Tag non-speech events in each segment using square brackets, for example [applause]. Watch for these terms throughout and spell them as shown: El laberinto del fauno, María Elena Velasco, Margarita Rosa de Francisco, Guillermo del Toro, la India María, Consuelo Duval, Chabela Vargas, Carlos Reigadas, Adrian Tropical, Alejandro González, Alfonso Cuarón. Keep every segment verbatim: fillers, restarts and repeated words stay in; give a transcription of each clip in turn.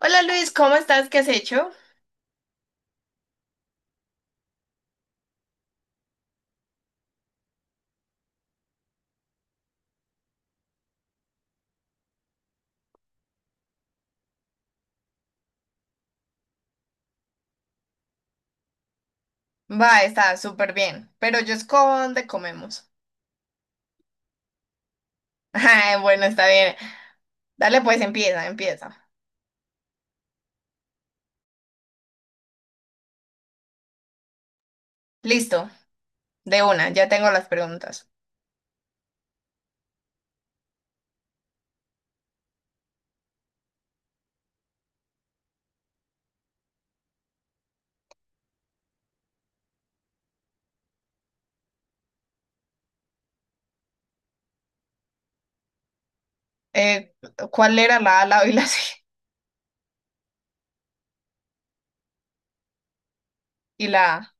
Hola Luis, ¿cómo estás? ¿Qué has hecho? Va, está súper bien, pero yo escojo dónde comemos. [laughs] Ay, bueno, está bien. Dale, pues empieza, empieza. Listo, de una, ya tengo las preguntas. Eh, ¿Cuál era la A, la B y la C? [laughs] Y la A,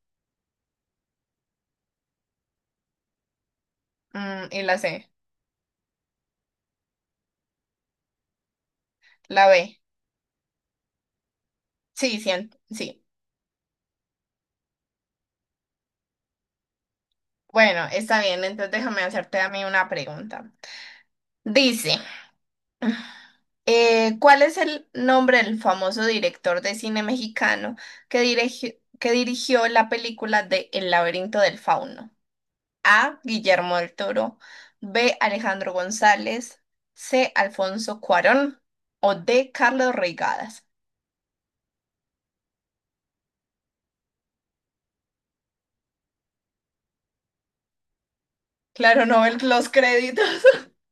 mm, y la C. La B. Sí, sí, en- sí. Bueno, está bien, entonces déjame hacerte a mí una pregunta. Dice, Eh, ¿cuál es el nombre del famoso director de cine mexicano que dirigi- que dirigió la película de El laberinto del fauno? A. Guillermo del Toro, B. Alejandro González, C. Alfonso Cuarón o D. Carlos Reigadas. Claro, no ven los créditos. [laughs]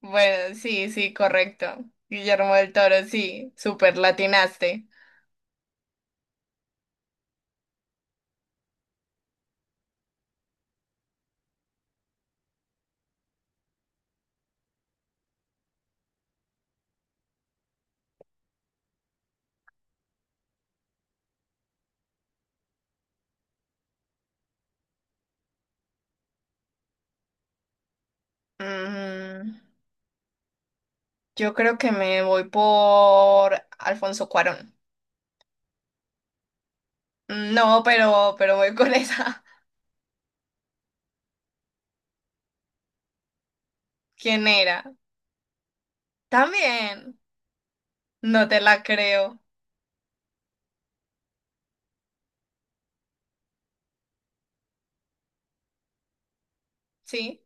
Bueno, sí, sí, correcto. Guillermo del Toro, sí, super latinaste. Mm, yo creo que me voy por Alfonso Cuarón. No, pero, pero voy con esa. [laughs] ¿Quién era? También. No te la creo. ¿Sí?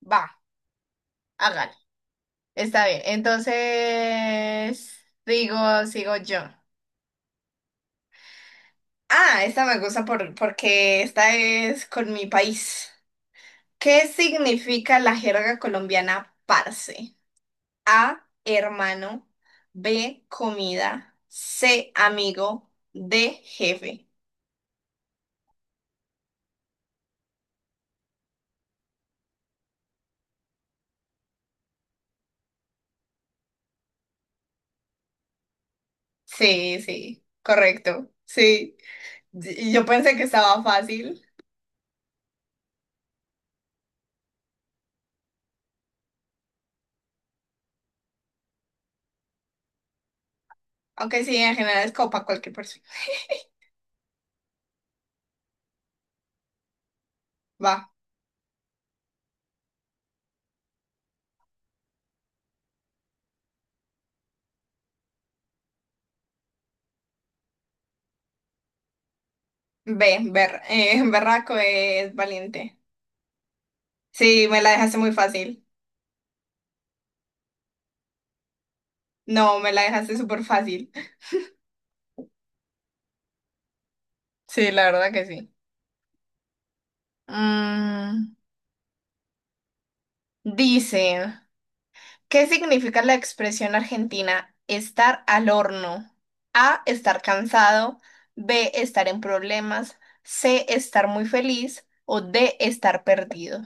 Va, hágale. Está bien. Entonces, digo, sigo yo. Ah, esta me gusta por, porque esta es con mi país. ¿Qué significa la jerga colombiana parce? A, hermano. B, comida. C, amigo. D, jefe. Sí, sí, correcto. Sí. Y yo pensé que estaba fácil, aunque sí, en general es copa cualquier persona. Va, ve, ber- eh, [laughs] berraco es valiente. Sí, me la dejaste muy fácil. No, me la dejaste súper fácil. Sí, la verdad que sí. Mm, Dice, ¿qué significa la expresión argentina estar al horno? A, estar cansado, B, estar en problemas, C, estar muy feliz o D, estar perdido.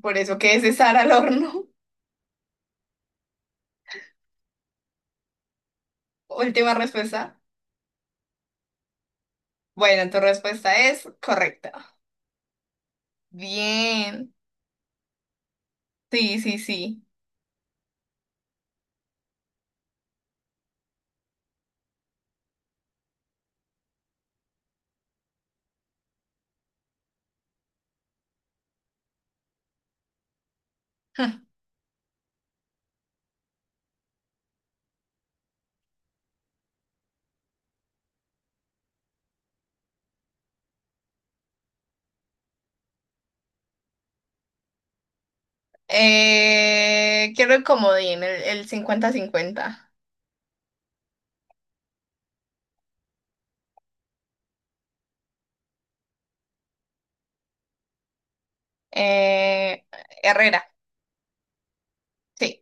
Por eso, ¿qué es estar al horno? Última respuesta. Bueno, tu respuesta es correcta. Bien. Sí, sí, sí. [laughs] Eh, quiero el comodín, el, el cincuenta 50. Eh, Herrera, sí.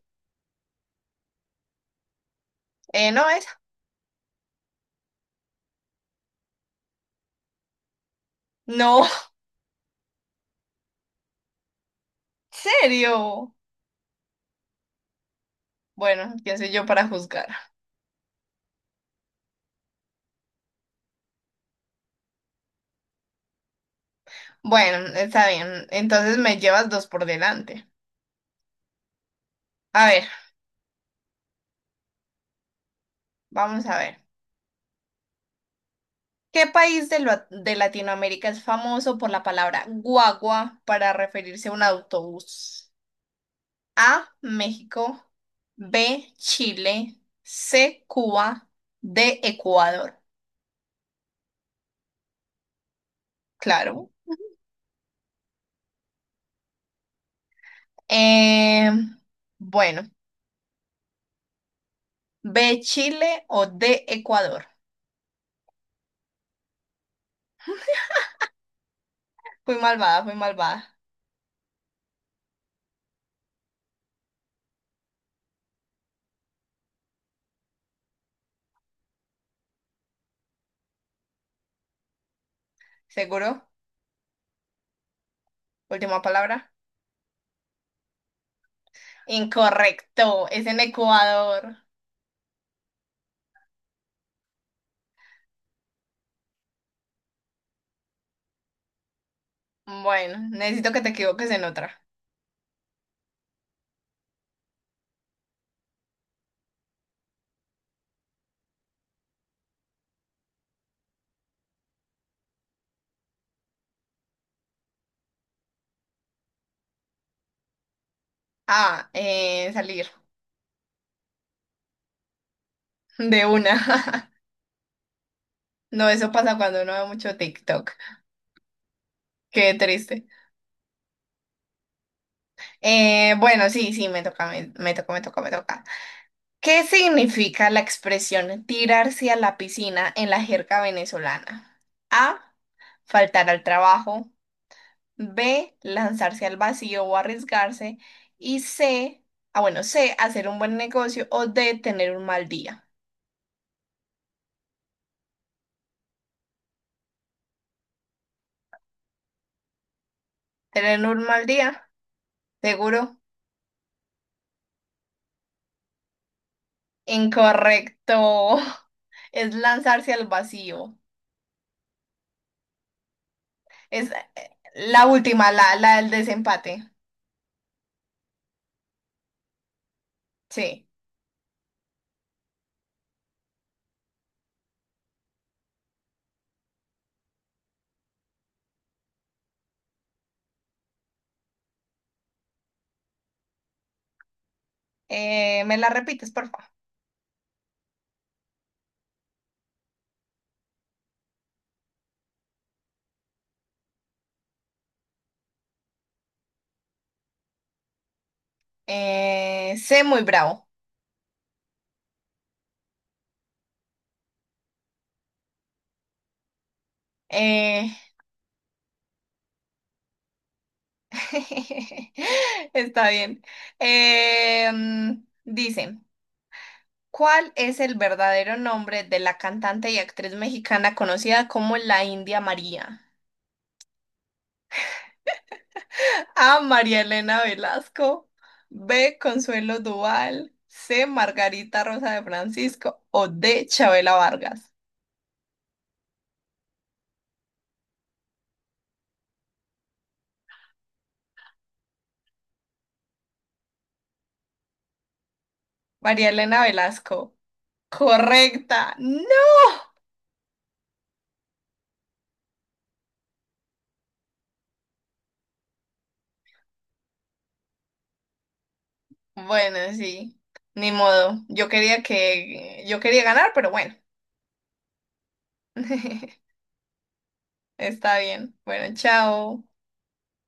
Eh, no, esa. No, [laughs] ¿en serio? Bueno, ¿quién soy yo para juzgar? Bueno, está bien. Entonces me llevas dos por delante. A ver, vamos a ver. ¿Qué país de, lo- de Latinoamérica es famoso por la palabra guagua para referirse a un autobús? A, México, B, Chile, C, Cuba, D, Ecuador. Claro. Em, bueno, B, Chile o D, Ecuador. Fui malvada, fui malvada. ¿Seguro? Última palabra. Incorrecto, es en Ecuador. Bueno, necesito que te equivoques en otra. Ah, eh, salir de una. [laughs] No, eso pasa cuando uno ve mucho TikTok. Qué triste. Eh, bueno, sí, sí, me toca, me, me toca, me toca, me toca. ¿Qué significa la expresión tirarse a la piscina en la jerga venezolana? A, faltar al trabajo. B, lanzarse al vacío o arriesgarse. Y C, ah, bueno, C, hacer un buen negocio. O D, tener un mal día. ¿Tener un mal día? Seguro. Incorrecto. [laughs] Es lanzarse al vacío. Es eh, la última, la, la del desempate. Sí. Eh, ¿me la repites, por favor? Eh, sé muy bravo. Eh, [laughs] está bien. Eh, mm, dice, ¿cuál es el verdadero nombre de la cantante y actriz mexicana conocida como la India María? A. María Elena Velasco. B. Consuelo Duval. C. Margarita Rosa de Francisco. O D. Chabela Vargas. María Elena Velasco. Correcta. ¡No! Bueno, sí, ni modo. Yo quería que, yo quería ganar, pero bueno, [laughs] está bien. Bueno, chao.